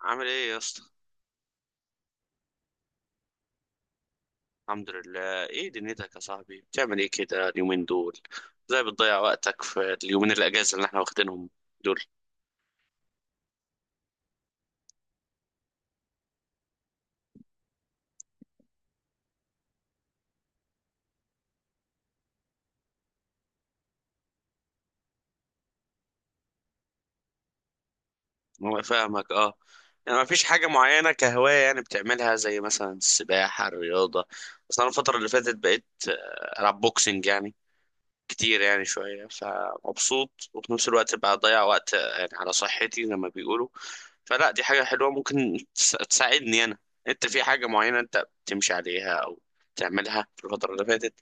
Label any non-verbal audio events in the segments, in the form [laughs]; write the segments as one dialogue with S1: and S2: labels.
S1: عامل ايه يا اسطى؟ الحمد لله. ايه دنيتك يا صاحبي، بتعمل ايه كده اليومين دول؟ ازاي بتضيع وقتك في اليومين الاجازه اللي احنا واخدينهم دول؟ انا فاهمك، اه. يعني ما فيش حاجه معينه كهوايه يعني بتعملها، زي مثلا السباحه، الرياضه؟ بس انا الفتره اللي فاتت بقيت العب بوكسنج يعني، كتير يعني شويه، فمبسوط وفي نفس الوقت بقى اضيع وقت يعني على صحتي زي ما بيقولوا، فلا دي حاجة حلوة ممكن تساعدني أنا. أنت في حاجة معينة أنت بتمشي عليها أو تعملها في الفترة اللي فاتت؟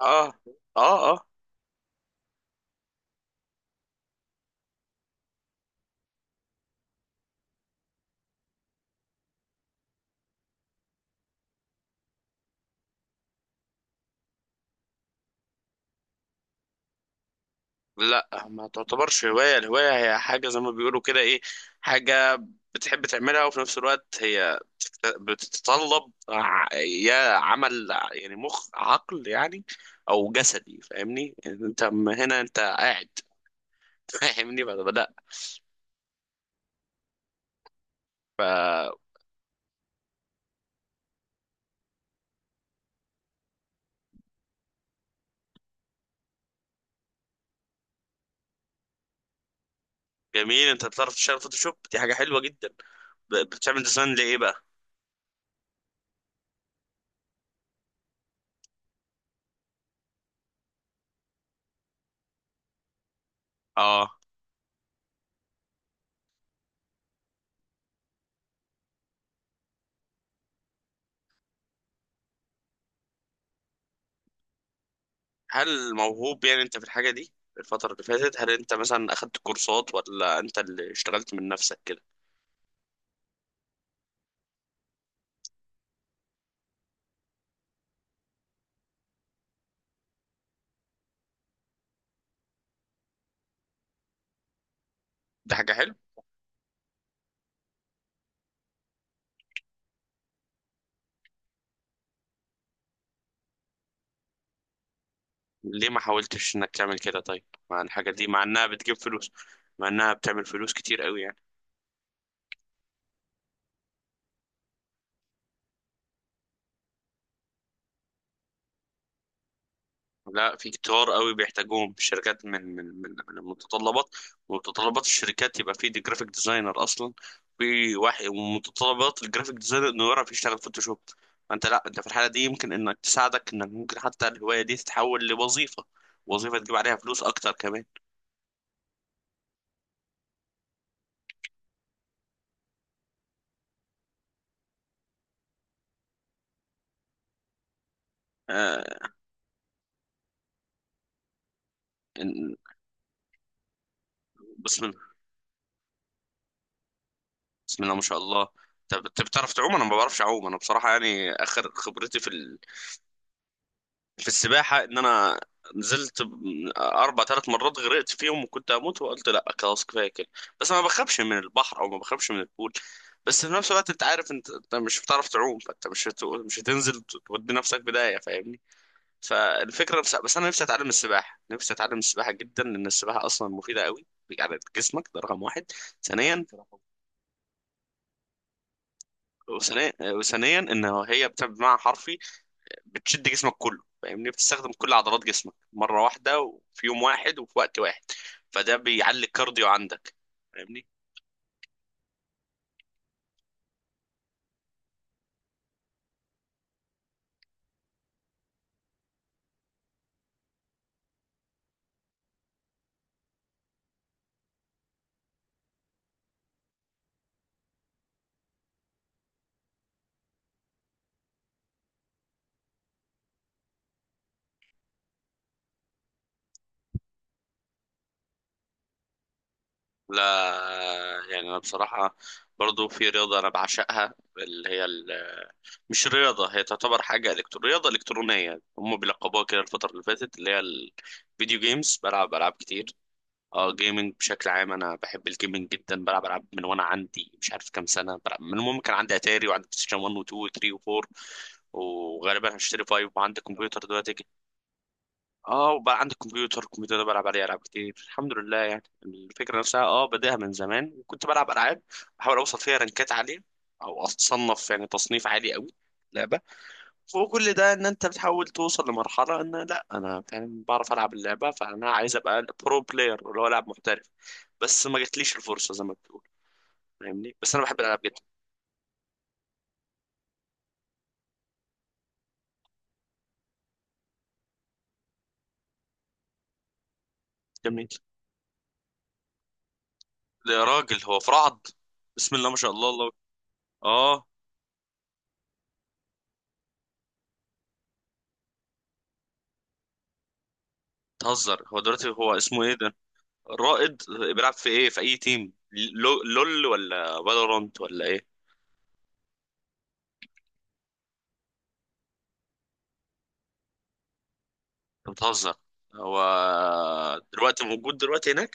S1: آه آه آه. لا ما تعتبرش هواية. الهواية هي حاجة زي ما بيقولوا كده، إيه، حاجة بتحب تعملها وفي نفس الوقت هي بتتطلب ع- يا عمل يعني مخ، عقل يعني، أو جسدي. فاهمني أنت، هنا أنت قاعد. [laughs] فاهمني فلا. جميل، انت بتعرف تشتغل فوتوشوب، دي حاجة حلوة جدا. بتعمل ديزاين لإيه بقى؟ اه. هل موهوب يعني انت في الحاجة دي؟ الفترة اللي فاتت هل انت مثلا اخدت كورسات ولا انت اللي اشتغلت من نفسك كده؟ دي حاجة حلوة. ليه ما حاولتش انك تعمل كده طيب مع الحاجة دي، مع انها بتجيب فلوس؟ مع انها بتعمل فلوس كتير قوي يعني. لا، في كتار قوي بيحتاجوهم في الشركات من المتطلبات. ومتطلبات الشركات يبقى في دي جرافيك ديزاينر اصلا، في واحد، ومتطلبات الجرافيك ديزاينر انه يعرف يشتغل فوتوشوب. فانت لا، انت في الحاله دي يمكن انك تساعدك، انك ممكن حتى الهوايه دي تتحول لوظيفه، وظيفه تجيب عليها فلوس اكتر كمان. آه. إن- بسم الله. بسم الله ما شاء الله. طب انت بتعرف تعوم؟ انا ما بعرفش اعوم. انا بصراحه يعني اخر خبرتي في في السباحة إن أنا نزلت ب- أربع ثلاث مرات، غرقت فيهم وكنت هموت، وقلت لأ خلاص كفاية كده. بس أنا ما بخافش من البحر أو ما بخافش من البول، بس في نفس الوقت أنت عارف، أنت مش بتعرف تعوم، فأنت مش هتنزل تودي نفسك بداية، فاهمني. فالفكرة بس أنا نفسي أتعلم السباحة، نفسي أتعلم السباحة جدا، لأن السباحة أصلا مفيدة قوي على جسمك، ده رقم واحد. ثانيا، وثانيا ان هي بتبقى بمعنى حرفي بتشد جسمك كله، فاهمني، بتستخدم كل عضلات جسمك مرة واحدة وفي يوم واحد وفي وقت واحد، فده بيعلي الكارديو عندك، فاهمني. لا، يعني انا بصراحة برضو في رياضة انا بعشقها، اللي هي مش رياضة، هي تعتبر حاجة إلكترو، رياضة إلكترونية هم بيلقبوها كده الفترة اللي فاتت، اللي هي الفيديو جيمز، بلعب ألعاب كتير. اه، جيمنج بشكل عام. انا بحب الجيمنج جدا، بلعب العاب من وانا عندي مش عارف كام سنه، بلعب من المهم. كان عندي اتاري وعندي بلاي ستيشن 1 و2 و3 و4، وغالبا هشتري 5، وعندي كمبيوتر دلوقتي اه. وبقى عندي كمبيوتر، الكمبيوتر ده بلعب عليه العاب كتير الحمد لله. يعني الفكره نفسها اه بداها من زمان، وكنت بلعب العاب بحاول اوصل فيها رانكات عاليه، او اتصنف يعني تصنيف عالي قوي. فوق كل ده، ان انت بتحاول توصل لمرحله ان لا انا فاهم، بعرف العب اللعبه، فانا عايز ابقى برو بلاير اللي هو لاعب محترف، بس ما جاتليش الفرصه زي ما بتقول، فاهمني. بس انا بحب الالعاب جدا. جميل. يا راجل هو فرعض؟ بسم الله ما شاء الله الله. اه. تهزر. هو دلوقتي هو اسمه ايه ده؟ رائد. بيلعب في ايه، في اي تيم؟ لول ولا فالورانت ولا ايه؟ انت بتهزر. هو دلوقتي موجود دلوقتي هناك؟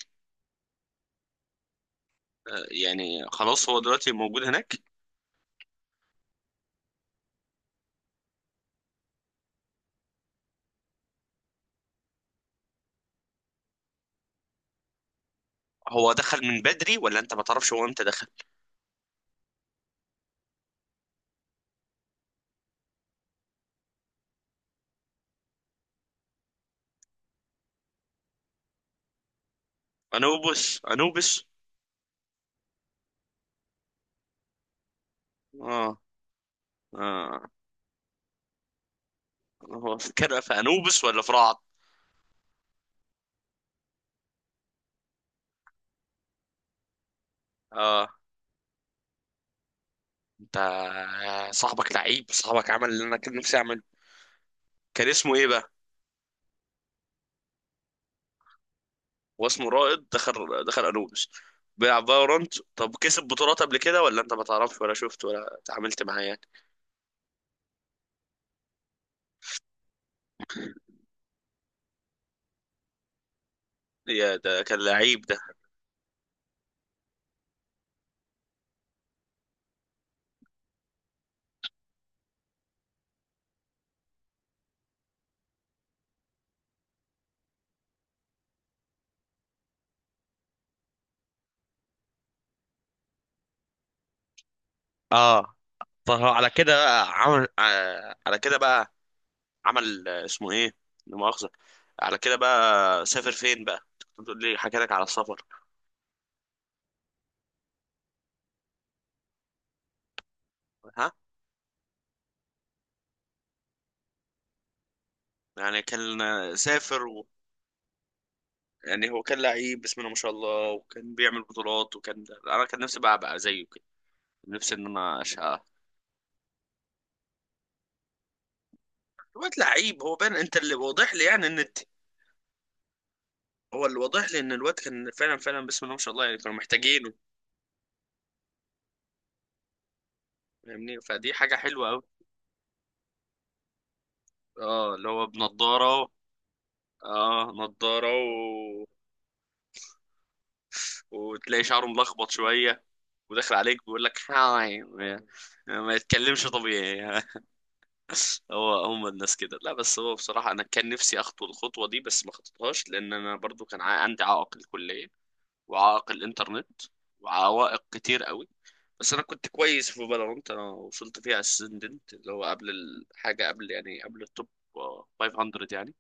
S1: يعني خلاص هو دلوقتي موجود هناك. هو دخل من بدري ولا انت ما تعرفش هو امتى دخل؟ انوبس، انوبس. اه. اه. هو في كده في انوبس ولا في رعد؟ اه. انت، صاحبك لعيب، صاحبك عمل اللي انا كان نفسي اعمله. كان اسمه ايه بقى؟ هو اسمه رائد. دخل انوبس. بيلعب فالورانت. طب كسب بطولات قبل كده، ولا انت ما تعرفش، ولا شفت، ولا اتعاملت معاه يعني؟ يا ده كان لعيب ده. اه. طب هو على كده بقى عمل، على كده بقى عمل، اسمه ايه، لا مؤاخذة، على كده بقى سافر فين بقى؟ كنت بتقول لي حكى لك على السفر. ها؟ يعني كان، سافر و... يعني هو كان لعيب بسم الله ما شاء الله، وكان بيعمل بطولات، وكان انا كان نفسي بقى ابقى زيه كده، نفسي ان انا اشقى. الواد لعيب، هو بان، انت اللي واضح لي يعني ان انت، هو اللي واضح لي ان الواد كان فعلا فعلا بسم الله ما شاء الله، يعني كانوا محتاجينه، فاهمني. فدي حاجة حلوة قوي. اه، اللي هو بنضارة. اه، نضارة و... وتلاقي شعره ملخبط شوية، وداخل عليك بيقول لك هاي ما، ما يتكلمش طبيعي. [laughs] هو هم الناس كده. لا بس هو بصراحة أنا كان نفسي أخطو الخطوة دي بس ما خطيتهاش، لأن أنا برضو كان عندي عائق الكلية، وعائق الإنترنت، وعوائق كتير قوي. بس أنا كنت كويس في فالورانت، أنا وصلت فيها أسندنت اللي هو قبل الحاجة، قبل يعني قبل التوب آه، 500 يعني.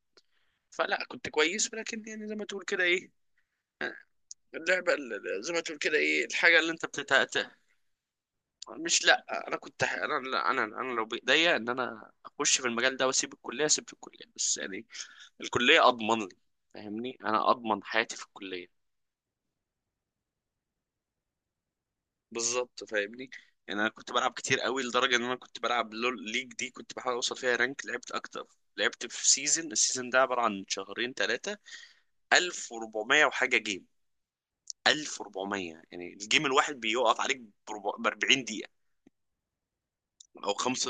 S1: فلا كنت كويس، ولكن يعني زي ما تقول كده، إيه، اللعبة زي ما تقول كده، إيه، الحاجة اللي أنت، مش، لا انا كنت ح- انا لا، انا انا لو بايديا ان انا اخش في المجال ده واسيب الكليه، اسيب في الكليه، بس يعني الكليه اضمن لي، فاهمني، انا اضمن حياتي في الكليه. بالظبط، فاهمني. يعني انا كنت بلعب كتير قوي، لدرجه ان انا كنت بلعب لول ليج، دي كنت بحاول اوصل فيها رانك، لعبت اكتر. لعبت في سيزون، السيزون ده عباره عن شهرين ثلاثه، 1400 وحاجه جيم. 1400 يعني الجيم الواحد بيقف عليك ب 40 دقيقه او خمسه.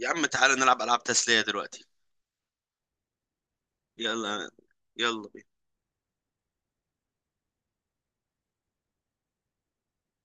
S1: يا عم تعالى نلعب العاب تسليه دلوقتي. يلا. يلا.